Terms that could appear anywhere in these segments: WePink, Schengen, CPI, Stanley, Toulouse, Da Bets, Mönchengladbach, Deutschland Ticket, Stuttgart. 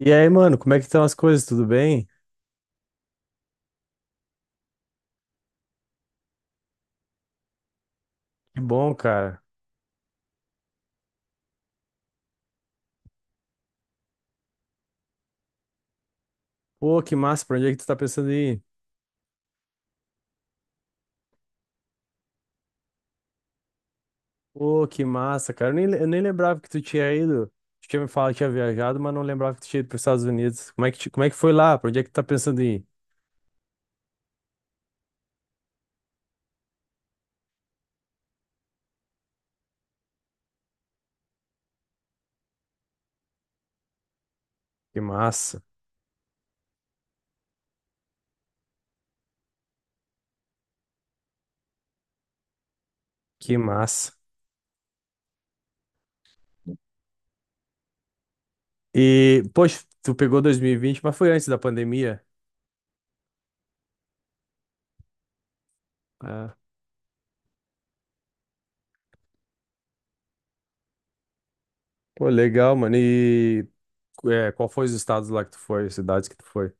E aí, mano, como é que estão as coisas? Tudo bem? Que bom, cara. Pô, que massa, pra onde é que tu tá pensando em ir? Pô, que massa, cara. Eu nem lembrava que tu tinha ido. Tu tinha me falado que tinha viajado, mas não lembrava que tu tinha ido pros Estados Unidos. Como é que foi lá? Pra onde é que tu tá pensando em ir? Que massa, que massa. E, poxa, tu pegou 2020, mas foi antes da pandemia. Ah, pô, legal, mano. E, qual foi os estados lá que tu foi, as cidades que tu foi?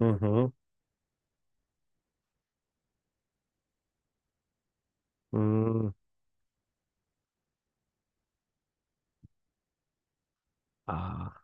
Uhum. Hum. Ah.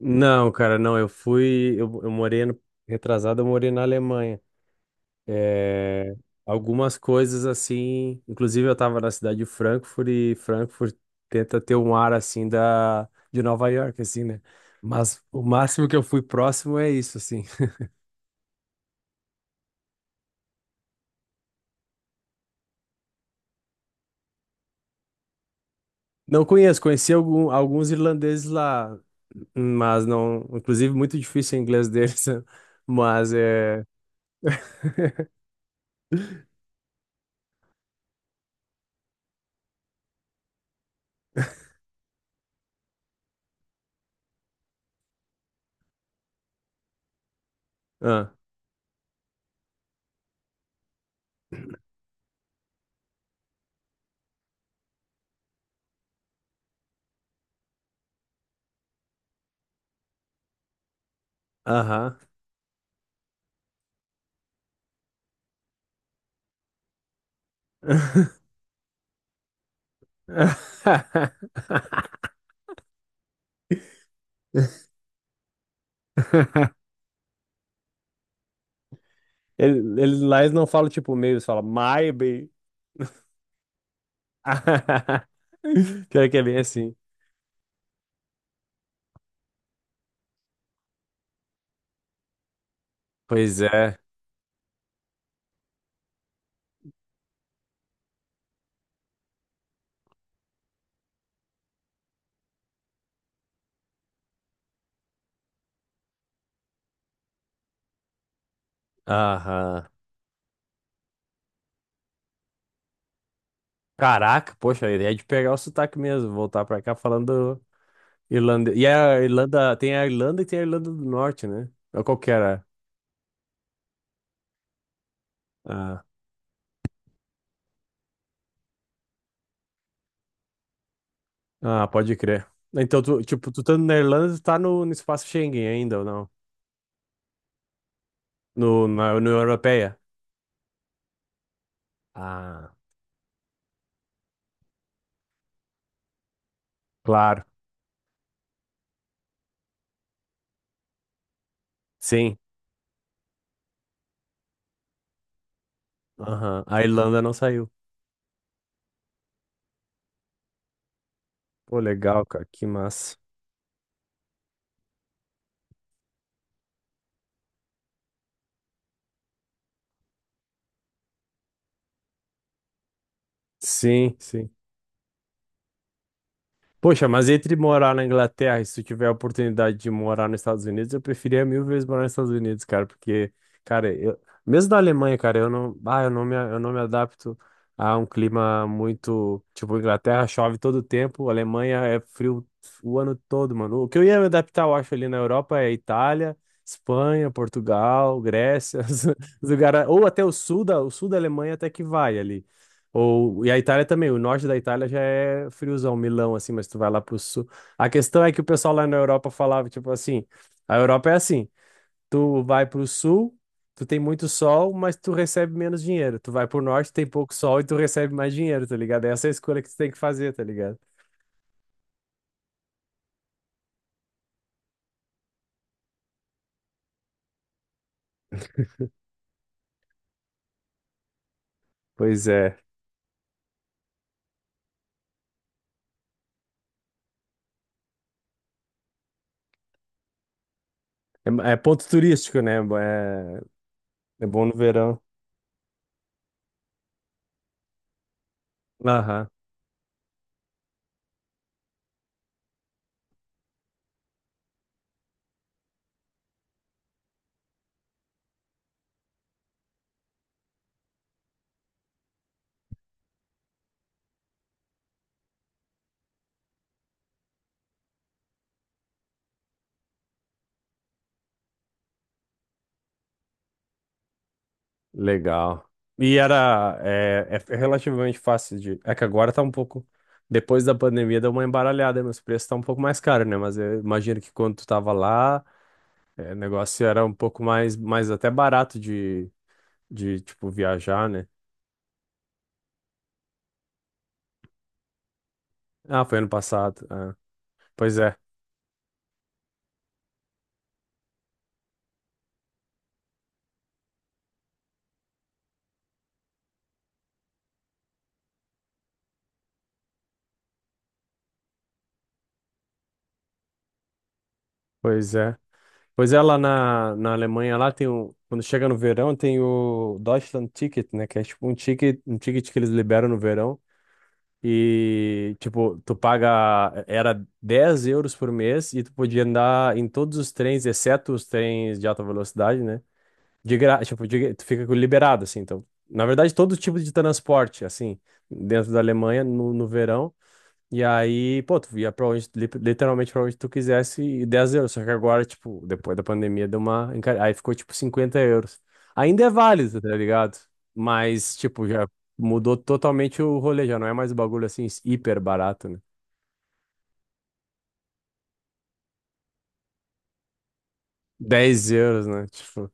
Não, cara, não. Eu fui. Eu morei ano retrasado, eu morei na Alemanha. É, algumas coisas assim. Inclusive, eu tava na cidade de Frankfurt e Frankfurt tenta ter um ar assim de Nova York, assim, né? Mas o máximo que eu fui próximo é isso, assim. Não conheço, conheci alguns irlandeses lá, mas não. Inclusive, muito difícil o inglês deles, né? Mas é. Ah, aham. Eles lá eles não falam tipo meio, eles falam my baby. Pior que é bem assim. Pois é. Aham. Caraca, poxa, a ideia é de pegar o sotaque mesmo, voltar pra cá falando irlandês. E a Irlanda, tem a Irlanda e tem a Irlanda do Norte, né? Ou qual que era? Ah, ah, pode crer. Então, tipo, tu tá na Irlanda, tu tá no espaço Schengen ainda, ou não? No, na União Europeia? Ah, claro. Sim. Aham. A Irlanda não saiu. Pô, legal, cara, que massa. Sim, sim. Poxa, mas entre morar na Inglaterra e se tu tiver a oportunidade de morar nos Estados Unidos, eu preferia mil vezes morar nos Estados Unidos, cara, porque, cara, mesmo na Alemanha, cara, eu não, ah, eu não me adapto a um clima muito, tipo, Inglaterra chove todo o tempo, Alemanha é frio o ano todo, mano. O que eu ia me adaptar, eu acho, ali na Europa é Itália, Espanha, Portugal, Grécia, os lugares, ou até o sul da Alemanha até que vai ali. Ou, e a Itália também, o norte da Itália já é friozão, Milão, assim, mas tu vai lá pro sul. A questão é que o pessoal lá na Europa falava, tipo assim, a Europa é assim, tu vai pro sul, tu tem muito sol, mas tu recebe menos dinheiro. Tu vai pro norte, tem pouco sol e tu recebe mais dinheiro, tá ligado? Essa é a escolha que tu tem que fazer, tá ligado? Pois é. É, ponto turístico, né? É, é bom no verão. Aham. Legal. E era é relativamente fácil de. É que agora tá um pouco. Depois da pandemia deu uma embaralhada, nos preços tá um pouco mais caro, né? Mas eu imagino que quando tu tava lá, o negócio era um pouco mais até barato de, tipo, viajar, né? Ah, foi ano passado. Ah. Pois é, pois é. Pois é, lá na Alemanha, lá tem o. Quando chega no verão, tem o Deutschland Ticket, né? Que é tipo um ticket que eles liberam no verão. E, tipo, tu paga, era 10 euros por mês e tu podia andar em todos os trens, exceto os trens de alta velocidade, né? De gra... tipo, de- Tu fica liberado, assim. Então, na verdade, todo tipo de transporte, assim, dentro da Alemanha, no verão. E aí, pô, tu ia pra onde, literalmente pra onde tu quisesse e 10 euros. Só que agora, tipo, depois da pandemia deu uma. Aí ficou tipo 50 euros. Ainda é válido, tá ligado? Mas, tipo, já mudou totalmente o rolê, já não é mais o bagulho assim, hiper barato, né? 10 euros, né? Tipo,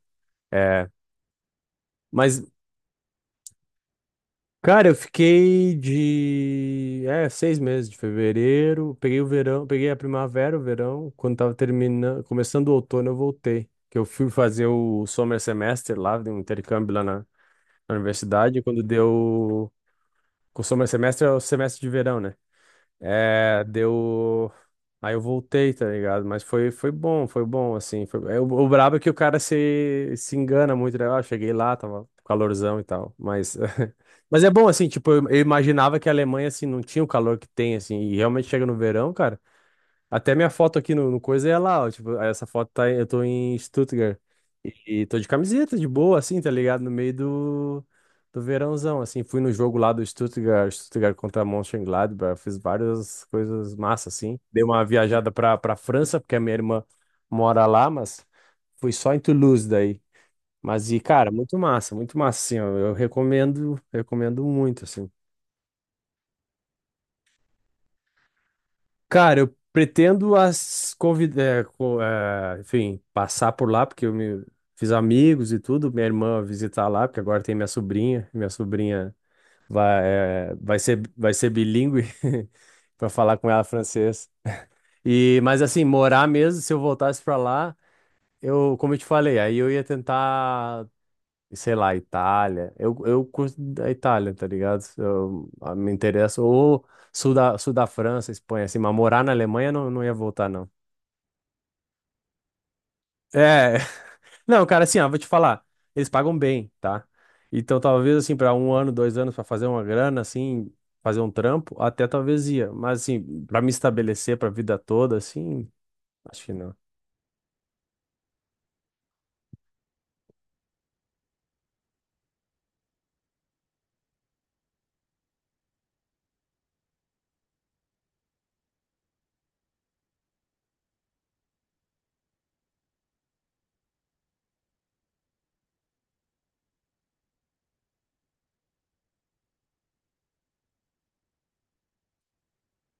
é. Mas cara, eu fiquei 6 meses de fevereiro, peguei o verão, peguei a primavera, o verão, quando tava terminando, começando o outono eu voltei, que eu fui fazer o summer semester lá, de um intercâmbio lá na universidade, e quando deu, o summer semester é o semestre de verão, né? É, deu. Aí eu voltei, tá ligado? Mas foi bom, foi bom, assim. O brabo é que o cara se engana muito, né? Ah, eu cheguei lá, tava calorzão e tal. Mas, mas é bom, assim, tipo, eu imaginava que a Alemanha, assim, não tinha o calor que tem, assim. E realmente chega no verão, cara. Até minha foto aqui no coisa é lá, ó. Tipo, essa foto tá, eu tô em Stuttgart. E tô de camiseta, de boa, assim, tá ligado? No meio do verãozão, assim. Fui no jogo lá do Stuttgart contra Mönchengladbach. Fiz várias coisas massa, assim. Dei uma viajada pra França, porque a minha irmã mora lá, mas fui só em Toulouse daí. Mas, e, cara, muito massa, assim, ó. Eu recomendo, recomendo muito, assim. Cara, eu pretendo as convidar, enfim, passar por lá, porque eu me fiz amigos e tudo. Minha irmã visitar lá, porque agora tem minha sobrinha. Minha sobrinha vai, vai ser bilíngue para falar com ela francês. E, mas assim, morar mesmo, se eu voltasse para lá, como eu te falei, aí eu ia tentar e sei lá, Itália. Eu curto a Itália, tá ligado? Me interessa. Ou sul da, França, Espanha, assim, mas morar na Alemanha não, não ia voltar, não. É, não, cara, assim, ó, vou te falar, eles pagam bem, tá? Então, talvez, assim, pra um ano, 2 anos, pra fazer uma grana, assim, fazer um trampo, até talvez ia. Mas, assim, pra me estabelecer pra vida toda, assim, acho que não.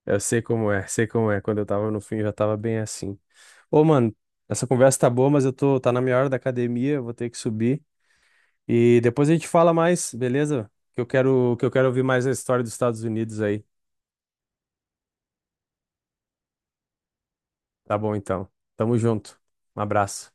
Eu sei como é, sei como é. Quando eu tava no fim, eu já tava bem assim. Ô, mano, essa conversa tá boa, mas tá na minha hora da academia, eu vou ter que subir. E depois a gente fala mais, beleza? Que eu quero ouvir mais a história dos Estados Unidos aí. Tá bom, então. Tamo junto. Um abraço.